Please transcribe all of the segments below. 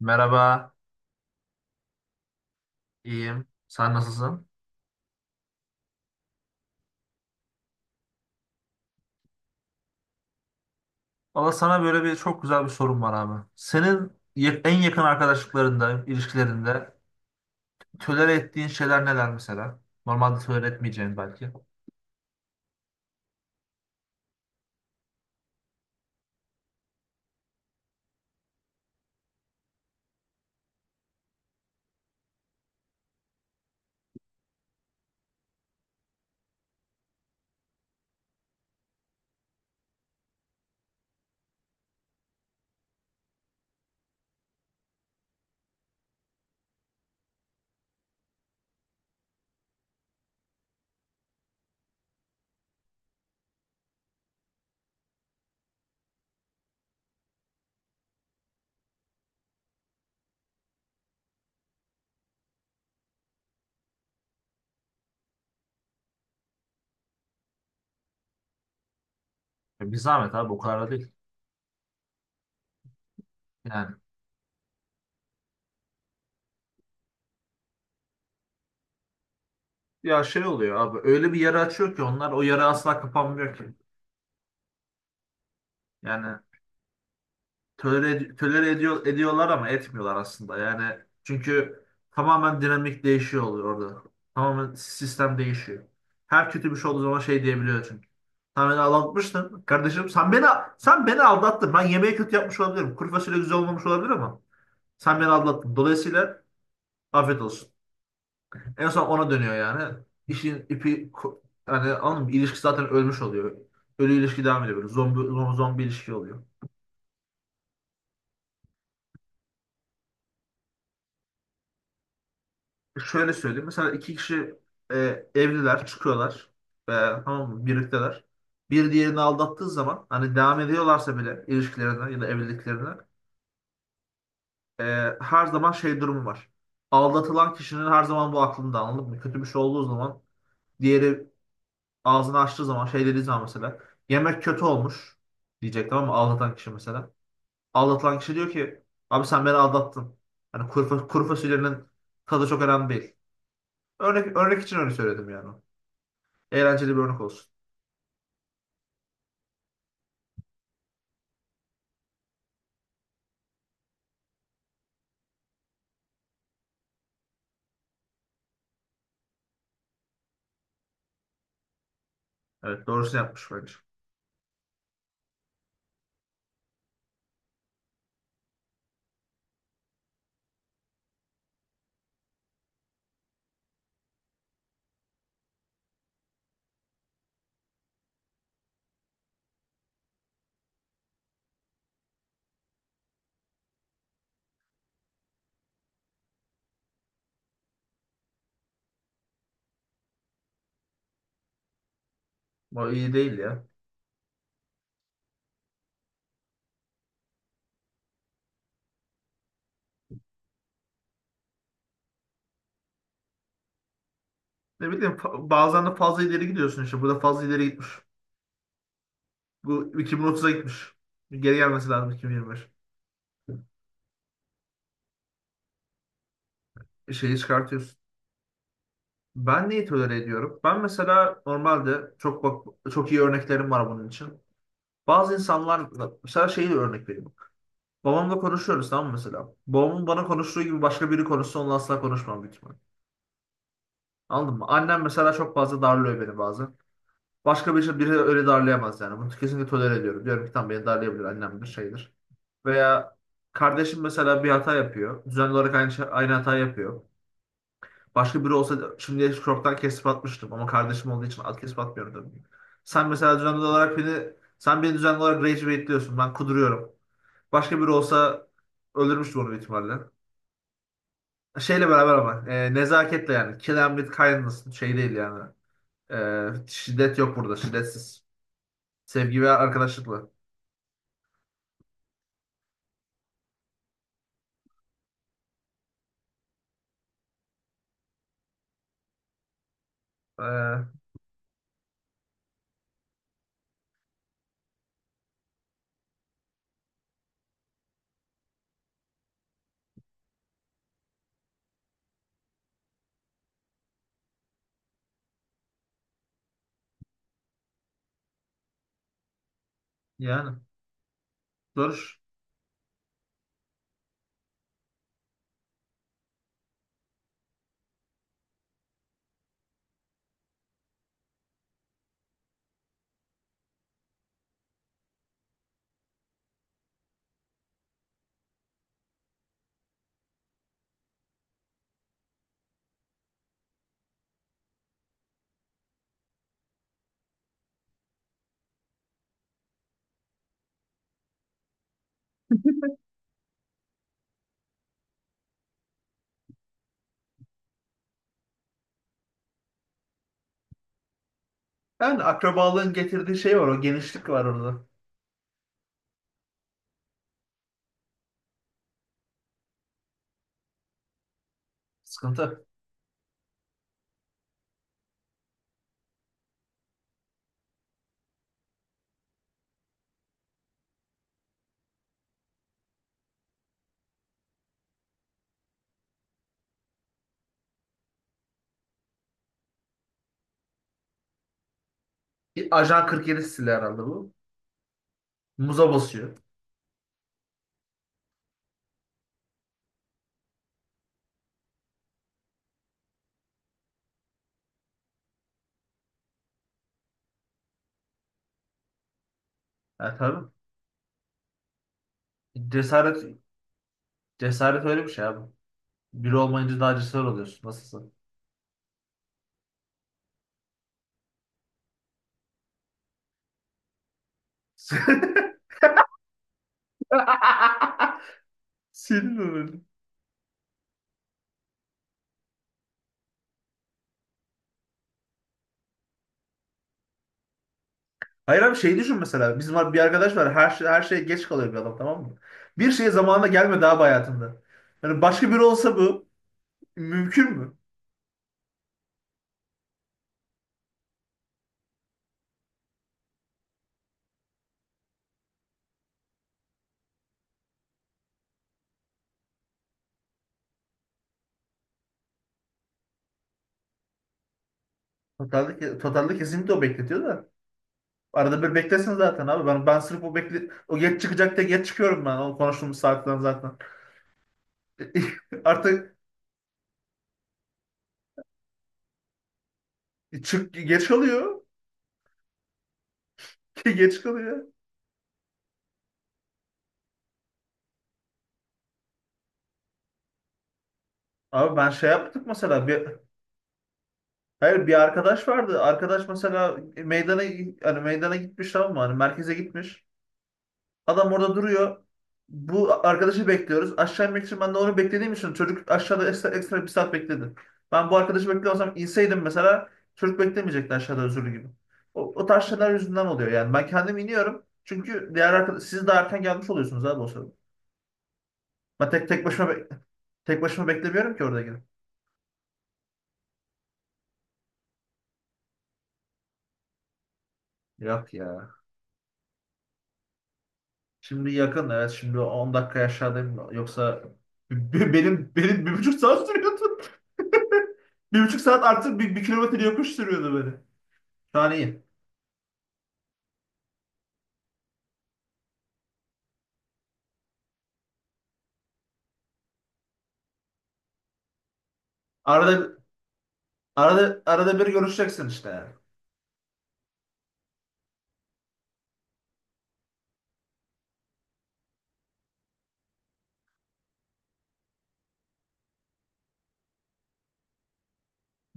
Merhaba, iyiyim. Sen nasılsın? Valla sana böyle çok güzel bir sorum var abi. Senin ya- en yakın arkadaşlıklarında, ilişkilerinde tolere ettiğin şeyler neler mesela? Normalde tolere etmeyeceğin belki. Ya bir zahmet abi, o kadar da değil. Yani ya şey oluyor abi, öyle bir yara açıyor ki onlar, o yara asla kapanmıyor ki. Yani tolere ediyorlar ama etmiyorlar aslında. Yani çünkü tamamen dinamik değişiyor oluyor orada. Tamamen sistem değişiyor. Her kötü bir şey olduğu zaman şey diyebiliyor çünkü. Sen beni aldatmıştın. Kardeşim sen beni aldattın. Ben yemeği kötü yapmış olabilirim. Kuru fasulye güzel olmamış olabilir ama sen beni aldattın. Dolayısıyla afiyet olsun. En son ona dönüyor yani. İşin ipi ko- yani anladın mı? İlişki zaten ölmüş oluyor. Ölü ilişki devam ediyor böyle. Zombi ilişki oluyor. Şöyle söyleyeyim. Mesela iki kişi evliler, çıkıyorlar. E, tamam mı? Birlikteler. Bir diğerini aldattığı zaman hani devam ediyorlarsa bile ilişkilerine ya da evliliklerine e, her zaman şey durumu var. Aldatılan kişinin her zaman bu aklında, anladın mı? Kötü bir şey olduğu zaman diğeri ağzını açtığı zaman şey dediği zaman mesela yemek kötü olmuş diyecek, tamam mı? Aldatan kişi mesela. Aldatılan kişi diyor ki abi sen beni aldattın. Hani kuru, fa- kuru fasulyenin tadı çok önemli değil. Örnek için öyle söyledim yani. Eğlenceli bir örnek olsun. Evet, doğrusunu yapmış bence. Bu iyi değil ya. Ne bileyim fa- bazen de fazla ileri gidiyorsun işte. Burada fazla ileri gitmiş. Bu 2030'a gitmiş. Geri gelmesi lazım 2025. Şeyi çıkartıyorsun. Ben neyi tolere ediyorum? Ben mesela normalde çok bak- çok iyi örneklerim var bunun için. Bazı insanlar, mesela şeyi de örnek vereyim. Babamla konuşuyoruz, tamam mı mesela? Babamın bana konuştuğu gibi başka biri konuşsa onunla asla konuşmam büyük ihtimal. Anladın mı? Annem mesela çok fazla darlıyor beni bazen. Başka bir şey, biri öyle darlayamaz yani. Bunu kesinlikle tolere ediyorum. Diyorum ki tamam, beni darlayabilir, annemdir şeydir. Veya kardeşim mesela bir hata yapıyor. Düzenli olarak aynı, şey- aynı hata yapıyor. Başka biri olsa şimdi çoktan kesip atmıştım ama kardeşim olduğu için at kesip atmıyorum tabii. ki. Sen mesela düzenli olarak beni sen beni düzenli olarak rage baitliyorsun. Ben kuduruyorum. Başka biri olsa öldürmüştüm onu büyük ihtimalle. Şeyle beraber ama nezaketle yani. Kill them with kindness şey değil yani. E, şiddet yok burada, şiddetsiz. Sevgi ve arkadaşlıkla. Ee, yani dur. Yani akrabalığın getirdiği şey var. O genişlik var orada. Sıkıntı. Bir Ajan 47 stili herhalde bu. Muza basıyor. Yani tabii. Cesaret cesaret öyle bir şey abi. Biri olmayınca daha cesaret oluyorsun. Nasılsın? Senin öyle. Hayır abi, şey düşün mesela. Bizim bir arkadaş var. Her, şey, her şeye geç kalıyor bir adam, tamam mı? Bir şeye zamanında gelmedi abi hayatında. Yani başka biri olsa bu mümkün mü? Totalde kesinlikle o bekletiyor da. Arada bir beklesin zaten abi. Ben sırf o bekle o geç çıkacak diye geç çıkıyorum ben. O konuştuğumuz saatten zaten. Artık çık geç kalıyor. Geç kalıyor. Abi ben şey yaptık mesela bir hayır, bir arkadaş vardı. Arkadaş mesela meydana hani meydana gitmiş, tamam mı? Hani merkeze gitmiş. Adam orada duruyor. Bu arkadaşı bekliyoruz. Aşağı inmek için ben de onu beklediğim için çocuk aşağıda ekstra bir saat bekledi. Ben bu arkadaşı bekliyorsam inseydim mesela çocuk beklemeyecekti aşağıda özürlü gibi. O tarz şeyler yüzünden oluyor yani. Ben kendim iniyorum. Çünkü diğer arkadaş, siz daha erken gelmiş oluyorsunuz abi o sırada. Ben tek tek başıma be- tek başıma beklemiyorum ki orada gidip. Yok ya. Şimdi yakın, evet, şimdi 10 dakika aşağıdayım, yoksa be- benim 1,5 saat sürüyordu. 1,5 saat artık bir kilometre yokuş sürüyordu beni. Şu an iyi. Arada arada bir görüşeceksin işte.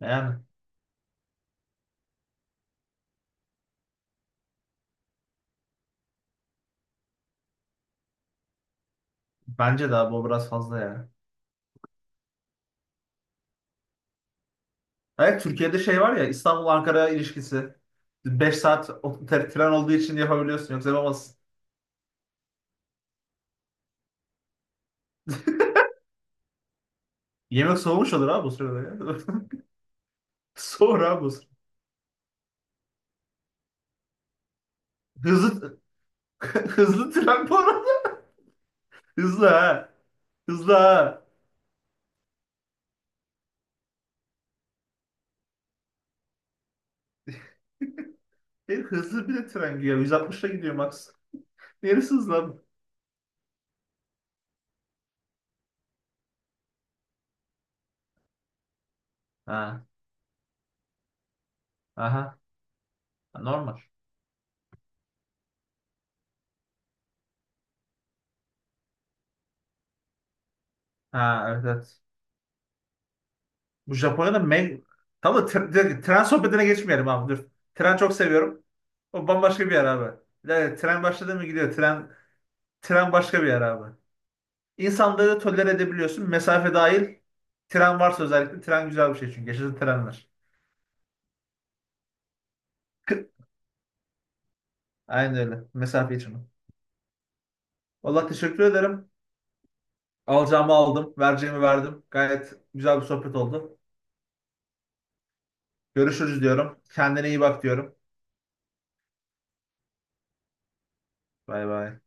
Yani bence daha bu biraz fazla ya. Evet, Türkiye'de şey var ya, İstanbul-Ankara ilişkisi. 5 saat o- te- tren olduğu için yapabiliyorsun, yoksa yapamazsın. Yemek soğumuş olur abi bu sırada ya. Soğur abi bu sırada. Hızlı, hızlı tren bu arada. Hızlı ha. Hızlı ha. Bir hızlı bir de tren gidiyor. 160'la gidiyor Max. Neresi hızlı abi? Ha. Aha. Normal. Ha, evet evet. Bu Japonya'da me tamam tren, direkt tren sohbetine geçmeyelim abi dur. Tren çok seviyorum. O bambaşka bir yer abi. Evet, tren başladı mı gidiyor. Tren başka bir yer abi. İnsanları tolere edebiliyorsun. Mesafe dahil tren varsa, özellikle tren, güzel bir şey çünkü. Yaşasın trenler. Kı- aynen öyle. Mesafe için. Valla teşekkür ederim. Alacağımı aldım. Vereceğimi verdim. Gayet güzel bir sohbet oldu. Görüşürüz diyorum. Kendine iyi bak diyorum. Bay bay.